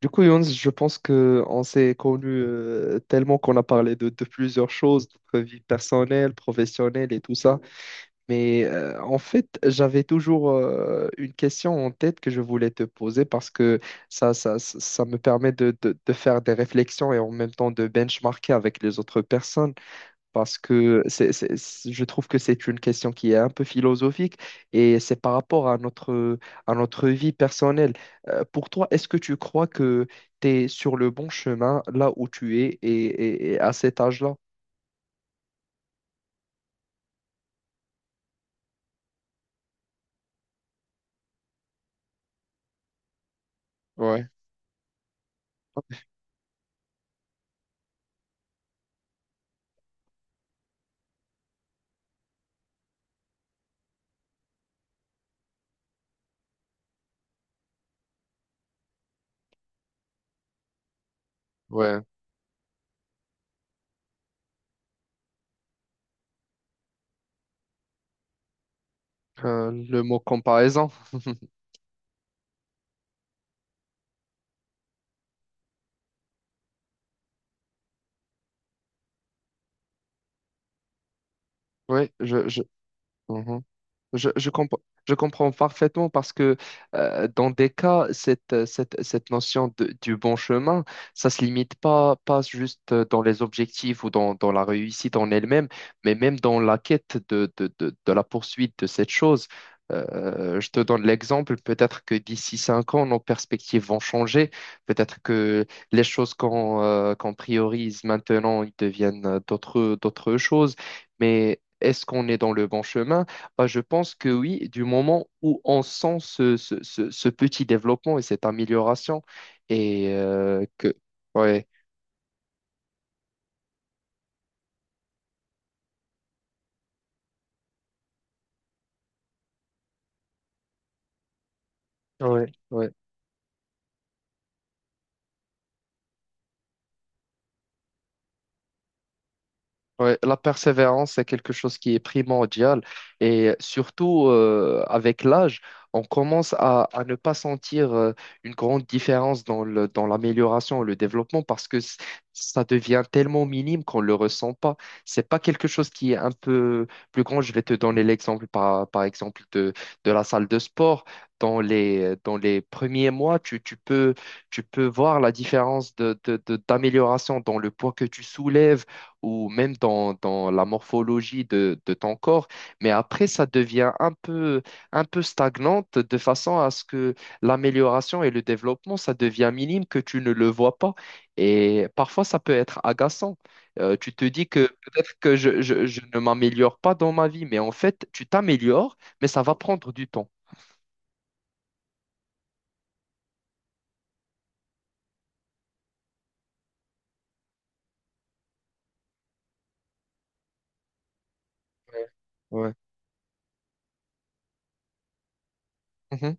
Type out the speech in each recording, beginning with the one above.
Du coup, Younes, je pense que on s'est connus tellement qu'on a parlé de plusieurs choses, notre vie personnelle, professionnelle et tout ça. Mais en fait, j'avais toujours une question en tête que je voulais te poser parce que ça me permet de faire des réflexions et en même temps de benchmarker avec les autres personnes parce que je trouve que c'est une question qui est un peu philosophique et c'est par rapport à notre vie personnelle. Pour toi, est-ce que tu crois que tu es sur le bon chemin là où tu es et à cet âge-là? Ouais, ouais. Le mot comparaison. Oui, je. Mhm. Je, je, compre- je comprends parfaitement parce que dans des cas, cette notion du bon chemin, ça se limite pas juste dans les objectifs ou dans la réussite en elle-même, mais même dans la quête de la poursuite de cette chose. Je te donne l'exemple, peut-être que d'ici 5 ans, nos perspectives vont changer, peut-être que les choses qu'on priorise maintenant, ils deviennent d'autres choses, mais est-ce qu'on est dans le bon chemin? Bah, je pense que oui, du moment où on sent ce petit développement et cette amélioration, et que, ouais, ouais, ouais. Ouais, la persévérance, c'est quelque chose qui est primordial et surtout avec l'âge, on commence à ne pas sentir une grande différence dans l'amélioration et le développement parce que ça devient tellement minime qu'on ne le ressent pas. C'est pas quelque chose qui est un peu plus grand. Je vais te donner l'exemple par exemple de la salle de sport. Dans les premiers mois, tu peux voir la différence d'amélioration dans le poids que tu soulèves ou même dans la morphologie de ton corps, mais après, ça devient un peu stagnante de façon à ce que l'amélioration et le développement, ça devient minime, que tu ne le vois pas. Et parfois, ça peut être agaçant. Tu te dis que peut-être que je ne m'améliore pas dans ma vie, mais en fait, tu t'améliores, mais ça va prendre du temps. Ouais. Ouais.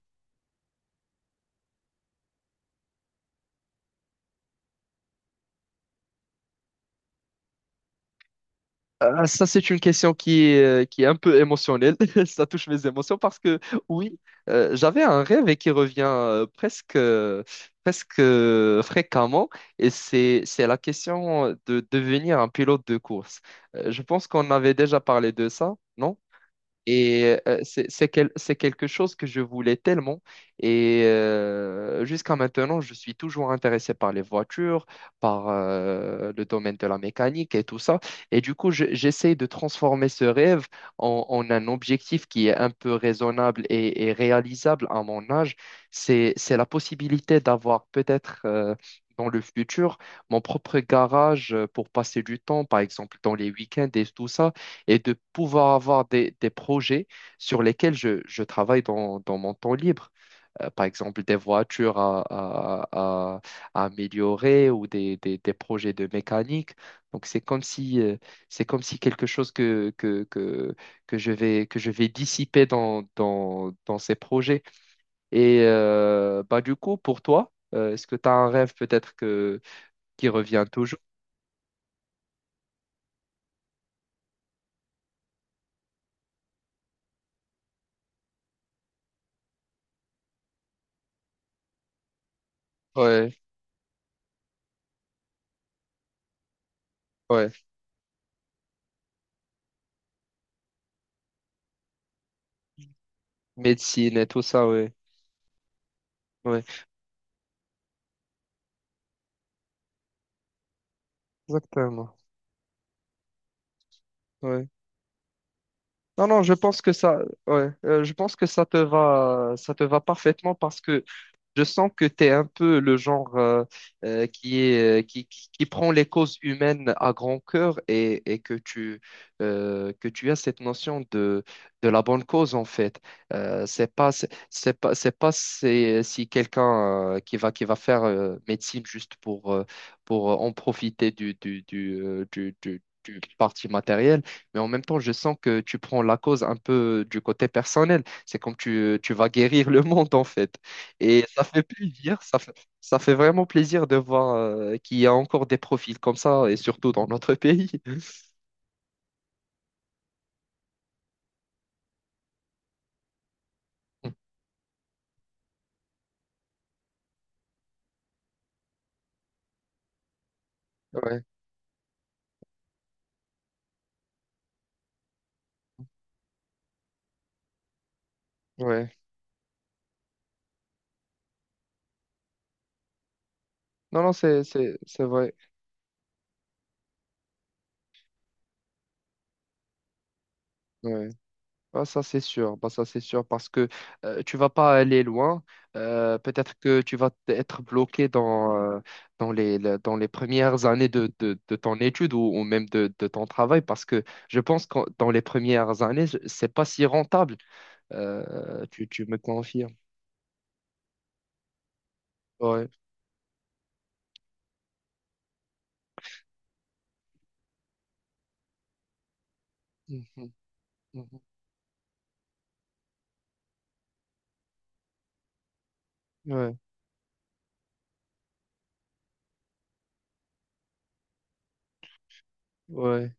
Ah, ça, c'est une question qui est un peu émotionnelle. Ça touche mes émotions parce que, oui, j'avais un rêve et qui revient presque fréquemment. Et c'est la question de devenir un pilote de course. Je pense qu'on avait déjà parlé de ça, non? Et c'est quelque chose que je voulais tellement. Et jusqu'à maintenant, je suis toujours intéressé par les voitures, par le domaine de la mécanique et tout ça. Et du coup, j'essaie de transformer ce rêve en un objectif qui est un peu raisonnable et réalisable à mon âge. C'est la possibilité d'avoir peut-être, dans le futur, mon propre garage pour passer du temps, par exemple dans les week-ends et tout ça, et de pouvoir avoir des projets sur lesquels je travaille dans mon temps libre. Par exemple, des voitures à- à améliorer ou des projets de mécanique. Donc, c'est comme si quelque chose que je vais dissiper dans ces projets. Et bah, du coup, pour toi, est-ce que tu as un rêve peut-être qui revient toujours? Ouais, ouais. Médecine et tout ça, ouais. Ouais, exactement. Ouais. Non, non, je pense que ça, ouais, je pense que ça te va parfaitement parce que je sens que tu es un peu le genre qui est, qui prend les causes humaines à grand cœur et que tu as cette notion de la bonne cause en fait. C'est pas, c'est pas si quelqu'un qui va faire médecine juste pour en profiter du parti matériel, mais en même temps, je sens que tu prends la cause un peu du côté personnel. C'est comme tu vas guérir le monde en fait. Et ça fait plaisir, ça fait vraiment plaisir de voir qu'il y a encore des profils comme ça, et surtout dans notre pays. Ouais, ouais. Non, non, c'est vrai. Ouais. Ah, ça, c'est sûr. Bah, ça, c'est sûr parce que tu vas pas aller loin. Peut-être que tu vas être bloqué dans les premières années de ton étude ou même de ton travail parce que je pense que dans les premières années, c'est pas si rentable. Tu me confirmes. Ouais. Mhm. Ouais, ouais.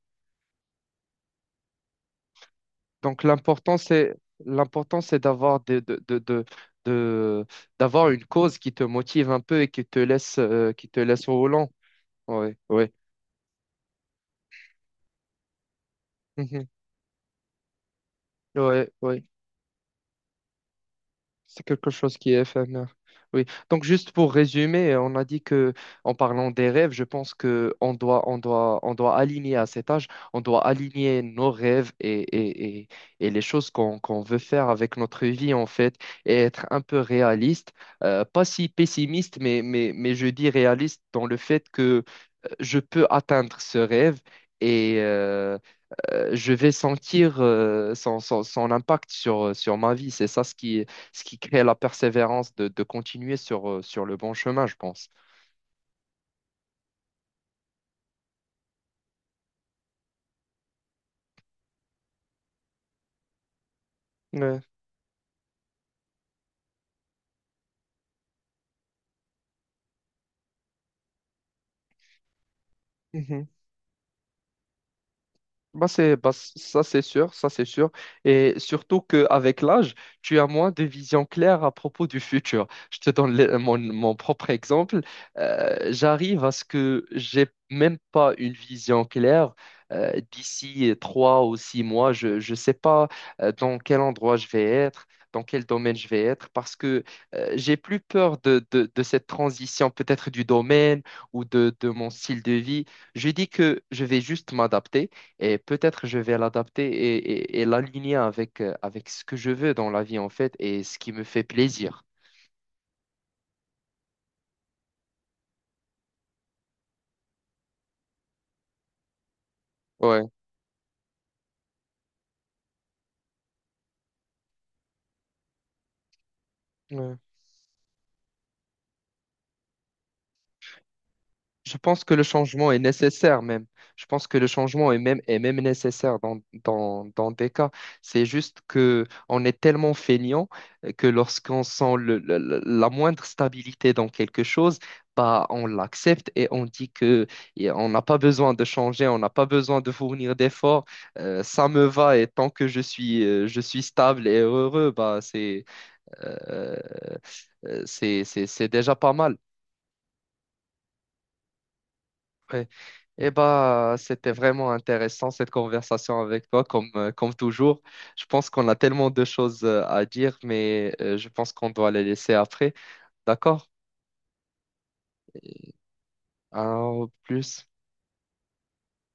Donc l'important c'est d'avoir de- d'avoir une cause qui te motive un peu et qui te laisse au volant. Ouais, ouais. Mhm. Ouais, ouais. C'est quelque chose qui est éphémère. Oui. Donc juste pour résumer, on a dit que en parlant des rêves, je pense que on doit aligner à cet âge, on doit aligner nos rêves et les choses qu'on veut faire avec notre vie en fait, et être un peu réaliste. Pas si pessimiste, mais je dis réaliste dans le fait que je peux atteindre ce rêve. Et, je vais sentir son impact sur ma vie. C'est ça ce qui crée la persévérance de continuer sur le bon chemin, je pense. Ouais. Bah, ça c'est sûr, ça c'est sûr. Et surtout qu'avec l'âge, tu as moins de vision claire à propos du futur. Je te donne mon propre exemple. J'arrive à ce que j'ai même pas une vision claire d'ici 3 ou 6 mois. Je ne sais pas dans quel endroit je vais être. Dans quel domaine je vais être, parce que j'ai plus peur de cette transition peut-être du domaine ou de mon style de vie. Je dis que je vais juste m'adapter et peut-être je vais l'adapter et l'aligner avec ce que je veux dans la vie, en fait, et ce qui me fait plaisir. Ouais. Ouais. Je pense que le changement est nécessaire même. Je pense que le changement est même nécessaire dans des cas. C'est juste que on est tellement feignant que lorsqu'on sent la moindre stabilité dans quelque chose, bah, on l'accepte et on dit que et on n'a pas besoin de changer, on n'a pas besoin de fournir d'efforts. Ça me va et tant que je suis stable et heureux, bah, euh, c'est déjà pas mal. Ouais. Eh bah, c'était vraiment intéressant cette conversation avec toi, comme toujours. Je pense qu'on a tellement de choses à dire, mais je pense qu'on doit les laisser après. D'accord? Alors, au plus.